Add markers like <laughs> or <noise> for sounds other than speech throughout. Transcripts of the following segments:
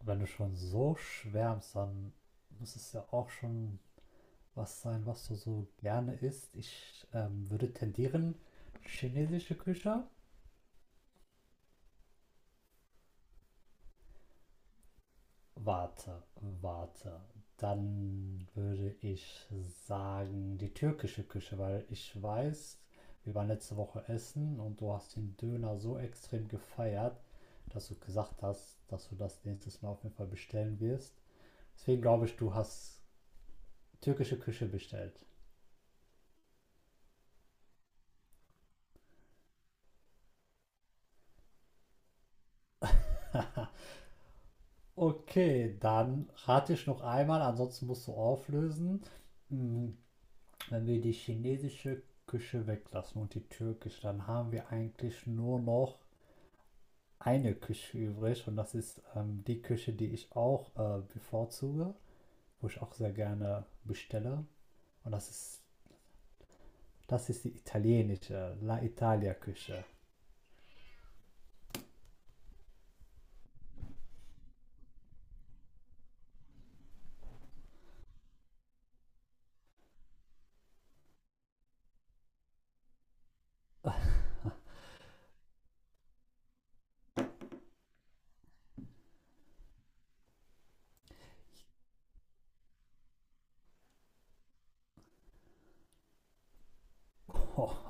Wenn du schon so schwärmst, dann muss es ja auch schon was sein, was du so gerne isst. Ich würde tendieren, chinesische Küche. Warte, warte. Dann würde ich sagen, die türkische Küche, weil ich weiß, wir waren letzte Woche essen und du hast den Döner so extrem gefeiert, dass du gesagt hast, dass du das nächstes Mal auf jeden Fall bestellen wirst. Deswegen glaube ich, du hast türkische Küche bestellt. Okay, dann rate ich noch einmal, ansonsten musst du auflösen. Hm, Wenn wir die chinesische Küche weglassen und die türkische, dann haben wir eigentlich nur noch eine Küche übrig und das ist die Küche, die ich auch bevorzuge, wo ich auch sehr gerne bestelle. Und das ist die italienische, La Italia Küche.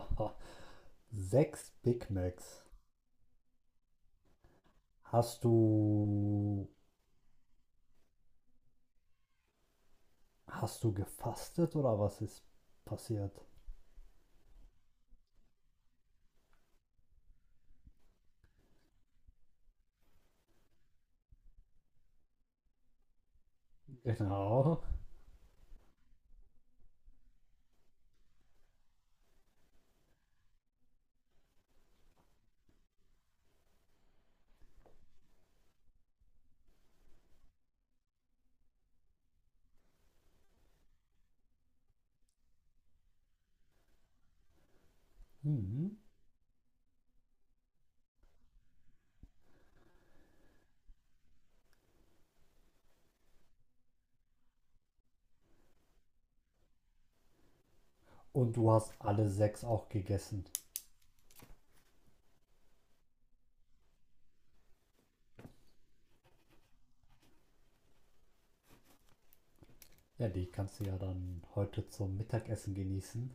<laughs> Sechs Big Macs. Hast du Hast du gefastet oder was ist passiert? Genau. Mhm. Und du hast alle sechs auch gegessen. Ja, die kannst du ja dann heute zum Mittagessen genießen.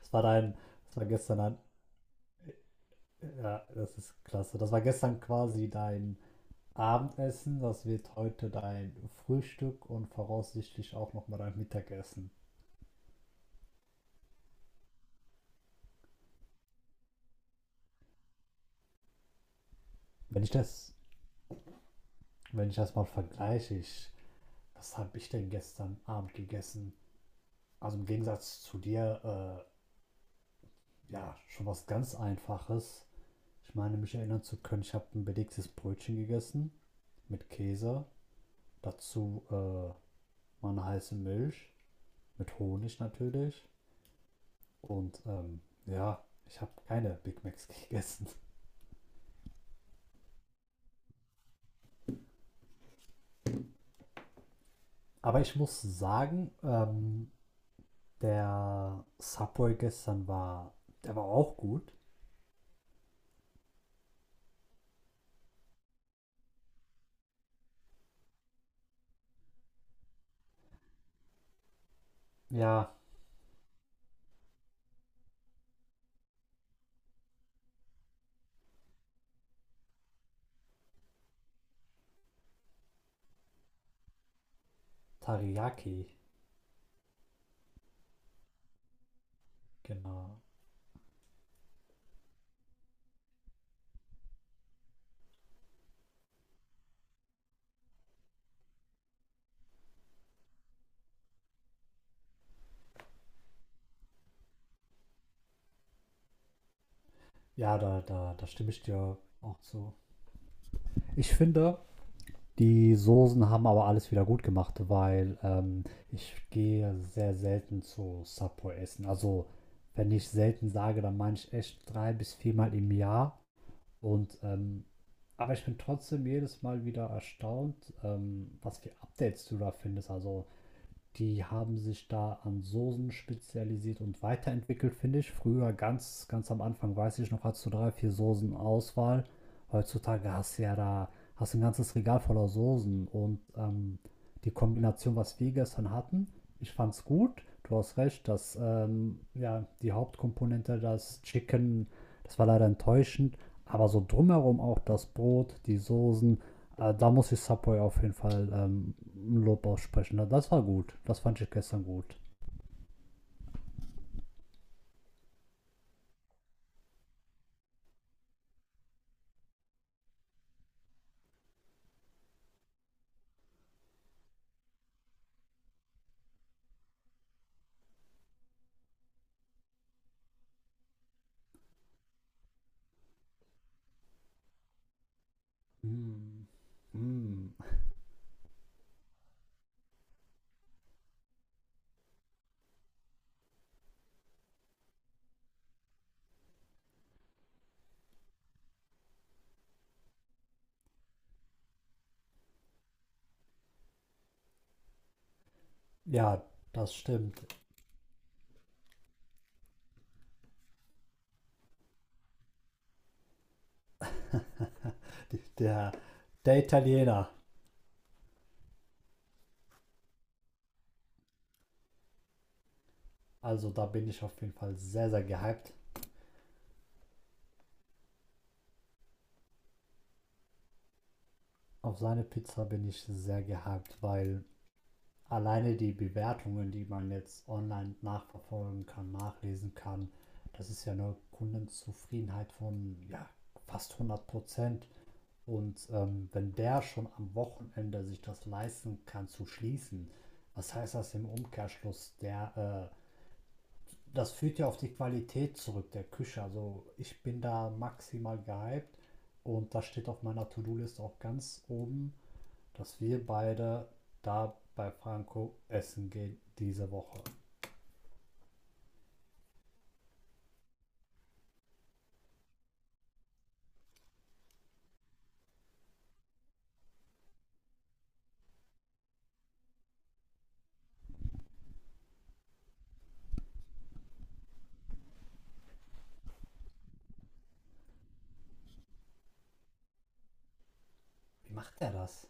Das war dein, das war gestern ein, ja, Das ist klasse. Das war gestern quasi dein Abendessen, das wird heute dein Frühstück und voraussichtlich auch nochmal dein Mittagessen. Wenn ich das, Wenn ich das mal vergleiche, was habe ich denn gestern Abend gegessen? Also im Gegensatz zu dir, ja, schon was ganz Einfaches. Ich meine, mich erinnern zu können, ich habe ein belegtes Brötchen gegessen mit Käse, dazu meine heiße Milch, mit Honig natürlich. Und ja, ich habe keine Big Macs <laughs> gegessen. Aber ich muss sagen, der Subway gestern war, der war auch gut. Ja, Teriyaki, genau. Ja, da stimme ich dir auch zu. Ich finde, Die Soßen haben aber alles wieder gut gemacht, weil ich gehe sehr selten zu Subway essen. Also wenn ich selten sage, dann meine ich echt drei bis viermal im Jahr. Und aber ich bin trotzdem jedes Mal wieder erstaunt, was für Updates du da findest. Also die haben sich da an Soßen spezialisiert und weiterentwickelt, finde ich. Früher, ganz am Anfang, weiß ich noch, hattest du drei, vier Soßen Auswahl. Heutzutage hast du ja da hast du ein ganzes Regal voller Soßen und die Kombination, was wir gestern hatten, ich fand's gut. Du hast recht, dass ja, die Hauptkomponente, das Chicken, das war leider enttäuschend. Aber so drumherum auch das Brot, die Soßen, da muss ich Subway auf jeden Fall Lob aussprechen. Das war gut. Das fand ich gestern gut. Mm. Mm. Ja, das stimmt. Der, der Italiener. Also da bin ich auf jeden Fall sehr, sehr gehypt. Auf seine Pizza bin ich sehr gehypt, weil alleine die Bewertungen, die man jetzt online nachverfolgen kann, nachlesen kann, das ist ja eine Kundenzufriedenheit von ja, fast 100%. Und wenn der schon am Wochenende sich das leisten kann zu schließen, was heißt das im Umkehrschluss? Das führt ja auf die Qualität zurück der Küche. Also ich bin da maximal gehypt und das steht auf meiner To-Do-Liste auch ganz oben, dass wir beide da bei Franco essen gehen diese Woche. Wie macht er das?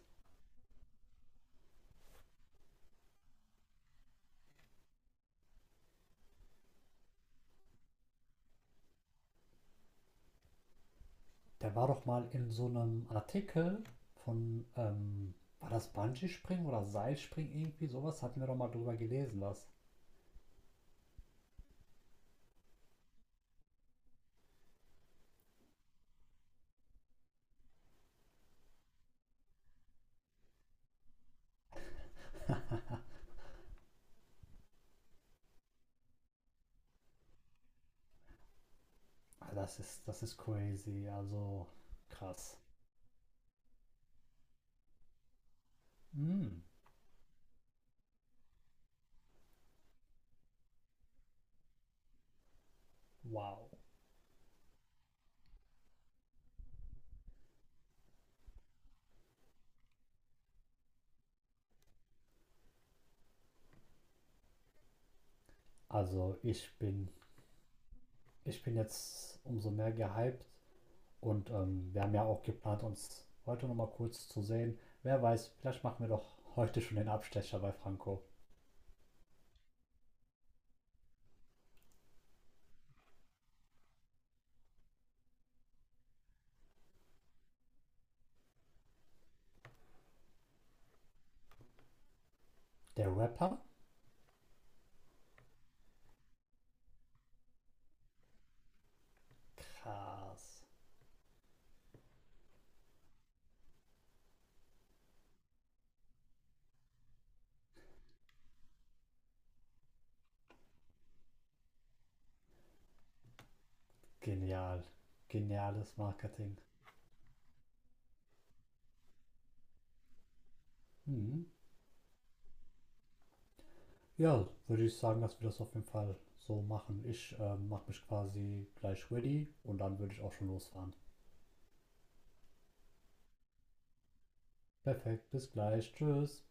Der war doch mal in so einem Artikel von, war das Bungee-Springen oder Seilspringen irgendwie sowas? Hatten wir doch mal drüber gelesen, was. Das ist crazy, also krass. Mm, wow. Also ich bin, ich bin jetzt umso mehr gehypt und wir haben ja auch geplant, uns heute nochmal kurz zu sehen. Wer weiß, vielleicht machen wir doch heute schon den Abstecher bei Franco. Der Rapper? Krass. Genial. Geniales Marketing. Mhm. Ja, würde ich sagen, dass wir das auf jeden Fall so machen. Ich mache mich quasi gleich ready und dann würde ich auch schon losfahren. Perfekt, bis gleich, tschüss.